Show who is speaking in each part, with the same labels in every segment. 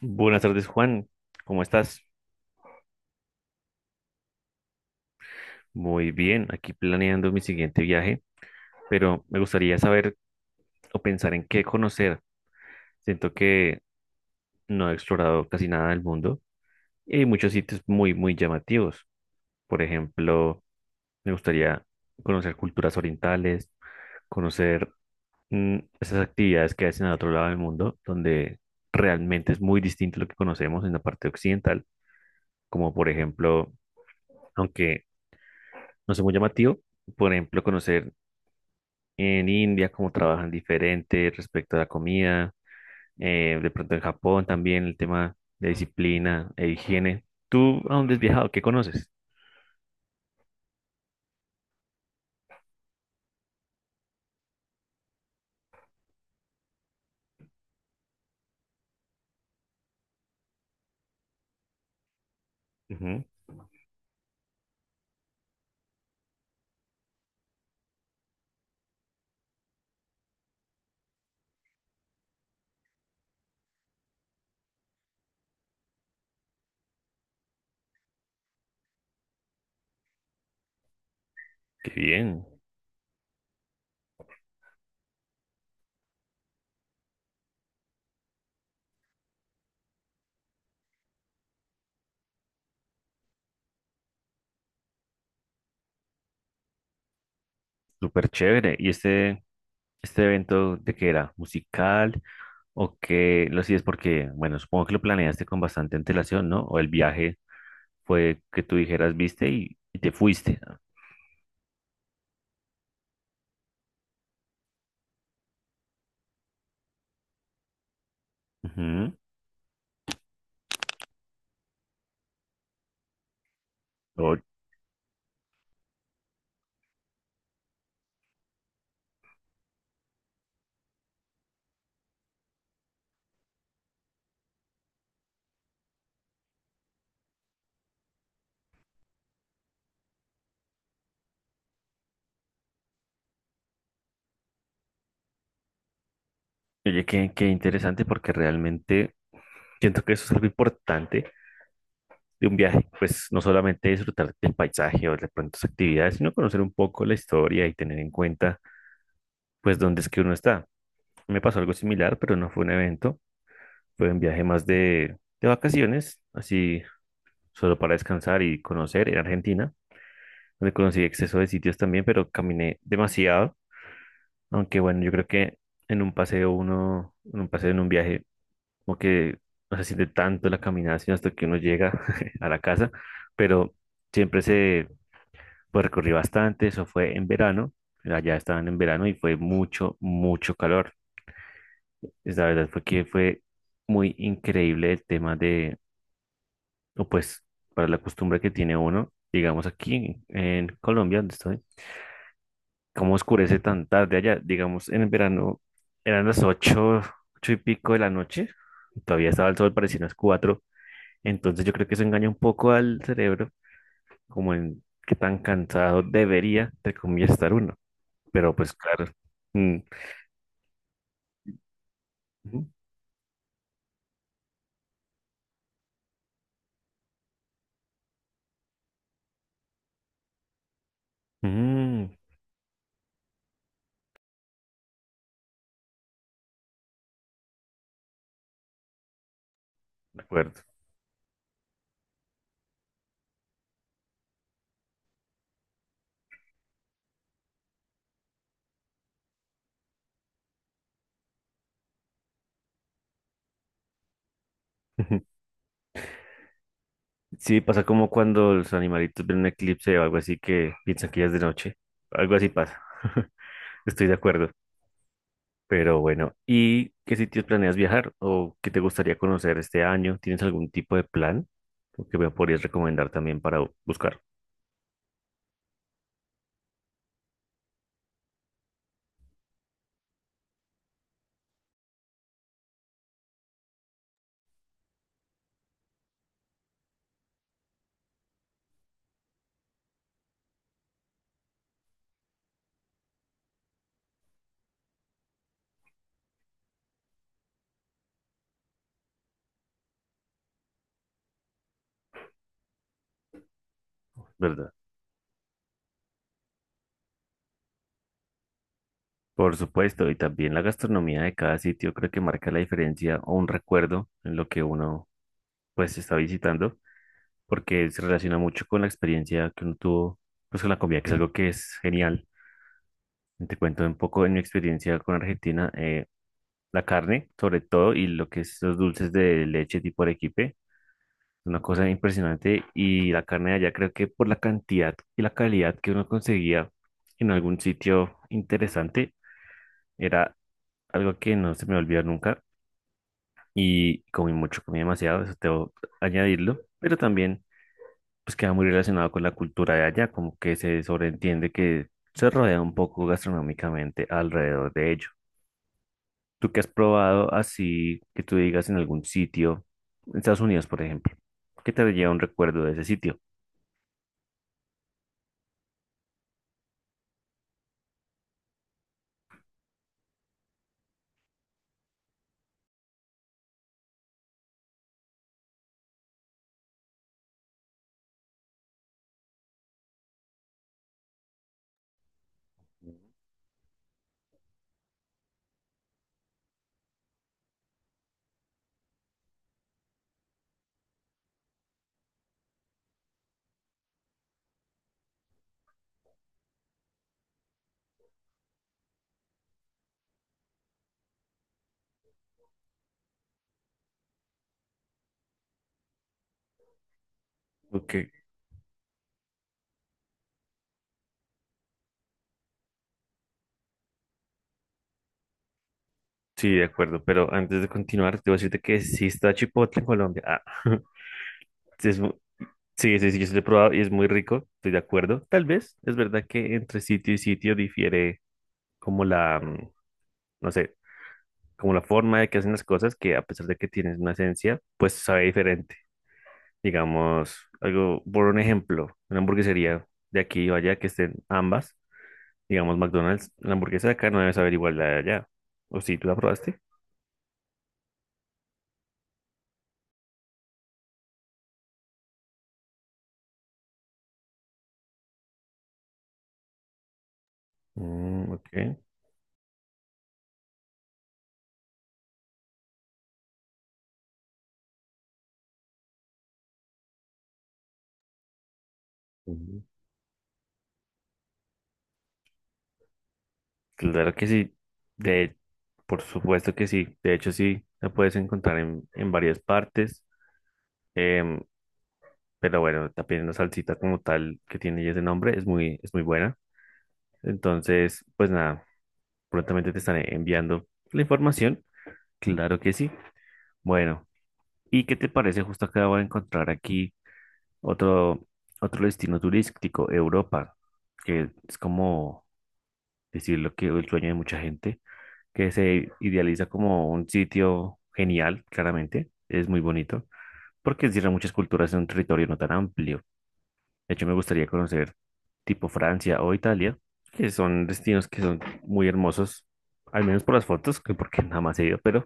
Speaker 1: Buenas tardes, Juan. ¿Cómo estás? Muy bien, aquí planeando mi siguiente viaje, pero me gustaría saber o pensar en qué conocer. Siento que no he explorado casi nada del mundo y hay muchos sitios muy, muy llamativos. Por ejemplo, me gustaría conocer culturas orientales, conocer esas actividades que hacen al otro lado del mundo, donde realmente es muy distinto lo que conocemos en la parte occidental, como por ejemplo, aunque no sea muy llamativo, por ejemplo, conocer en India, cómo trabajan diferente respecto a la comida, de pronto en Japón también el tema de disciplina e higiene. ¿Tú a dónde has viajado? ¿Qué conoces? Ujú. Qué bien, súper chévere. ¿Y este evento de qué era? ¿Musical o qué lo hacías? Porque, bueno, supongo que lo planeaste con bastante antelación, ¿no? O el viaje fue que tú dijeras, viste y te fuiste. Ujú. Oye, oye, qué, qué interesante porque realmente siento que eso es algo importante de un viaje, pues no solamente disfrutar del paisaje o de pronto sus actividades, sino conocer un poco la historia y tener en cuenta pues dónde es que uno está. Me pasó algo similar, pero no fue un evento, fue un viaje más de vacaciones, así solo para descansar y conocer en Argentina, donde conocí exceso de sitios también, pero caminé demasiado, aunque bueno, yo creo que en un paseo uno, en un paseo en un viaje como que no se siente tanto la caminación hasta que uno llega a la casa, pero siempre se pues, recorrí bastante, eso fue en verano, allá estaban en verano y fue mucho, mucho calor. Es la verdad fue que fue muy increíble el tema de, o pues para la costumbre que tiene uno, digamos aquí Colombia, donde estoy, cómo oscurece tan tarde allá, digamos en el verano eran las ocho, ocho y pico de la noche, y todavía estaba el sol, parecían las cuatro. Entonces yo creo que eso engaña un poco al cerebro, como en qué tan cansado debería, entre comillas, estar uno. Pero pues claro. mm, ujú, mm, de acuerdo. Sí, pasa como cuando los animalitos ven un eclipse o algo así que piensan que ya es de noche. Algo así pasa. Estoy de acuerdo. Pero bueno, ¿y qué sitios planeas viajar o qué te gustaría conocer este año? ¿Tienes algún tipo de plan o que me podrías recomendar también para buscar? ¿Verdad? Por supuesto, y también la gastronomía de cada sitio creo que marca la diferencia o un recuerdo en lo que uno pues está visitando, porque se relaciona mucho con la experiencia que uno tuvo pues con la comida, que es algo que es genial. Te cuento un poco en mi experiencia con Argentina, la carne sobre todo y lo que es los dulces de leche tipo arequipe, una cosa impresionante y la carne de allá creo que por la cantidad y la calidad que uno conseguía en algún sitio interesante era algo que no se me va a olvidar nunca y comí mucho, comí demasiado, eso tengo que añadirlo, pero también pues queda muy relacionado con la cultura de allá, como que se sobreentiende que se rodea un poco gastronómicamente alrededor de ello. ¿Tú qué has probado así que tú digas en algún sitio, en Estados Unidos, por ejemplo? ¿Qué te lleva un recuerdo de ese sitio? Ok, sí, de acuerdo, pero antes de continuar, te voy a decirte que sí está Chipotle en Colombia. Ah, sí es mu- sí, sí, sí, yo sí lo he probado y es muy rico, estoy de acuerdo. Tal vez es verdad que entre sitio y sitio difiere como no sé, como la forma de que hacen las cosas, que a pesar de que tienes una esencia, pues sabe diferente. Digamos, algo, por un ejemplo, una hamburguesería de aquí o allá que estén ambas, digamos McDonald's, la hamburguesa de acá no debe saber igual la de allá. ¿O si tú la probaste? Mm, ok. Ujú. Claro que sí. De, por supuesto que sí. De hecho, sí, la puedes encontrar en varias partes. Em, pero bueno, también la salsita como tal que tiene ya ese nombre es muy buena. Entonces, pues nada, prontamente te estaré enviando la información. Claro que sí. Bueno, ¿y qué te parece? Justo acabo de encontrar aquí otro, otro destino turístico, Europa, que es como decirlo que el sueño de mucha gente, que se idealiza como un sitio genial, claramente. Es muy bonito, porque encierra muchas culturas en un territorio no tan amplio. De hecho, me gustaría conocer tipo Francia o Italia, que son destinos que son muy hermosos, al menos por las fotos, que porque nada más he ido, pero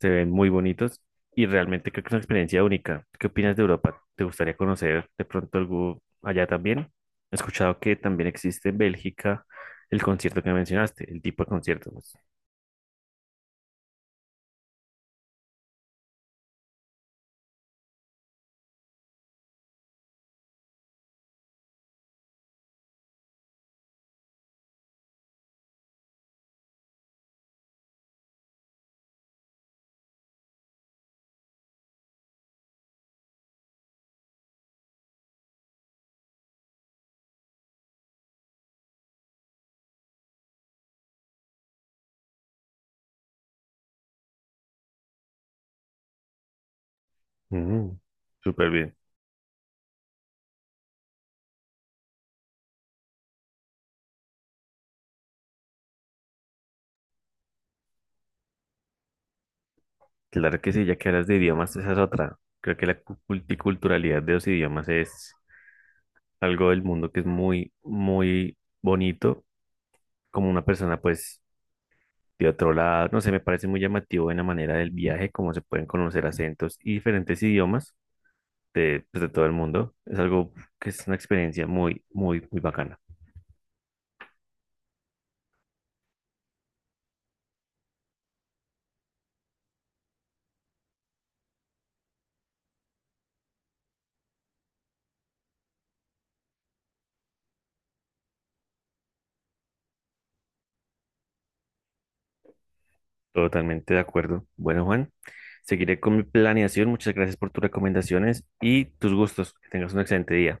Speaker 1: se ven muy bonitos y realmente creo que es una experiencia única. ¿Qué opinas de Europa? ¿Te gustaría conocer de pronto algo allá también? He escuchado que también existe en Bélgica el concierto que mencionaste, el tipo de concierto, pues. Mm, súper bien. Claro que sí, ya que hablas de idiomas, esa es otra. Creo que la multiculturalidad de los idiomas es algo del mundo que es muy, muy bonito, como una persona pues de otro lado, no sé, me parece muy llamativo en la manera del viaje, cómo se pueden conocer acentos y diferentes idiomas de, pues, de todo el mundo. Es algo que es una experiencia muy, muy, muy bacana. Totalmente de acuerdo. Bueno, Juan, seguiré con mi planeación. Muchas gracias por tus recomendaciones y tus gustos. Que tengas un excelente día.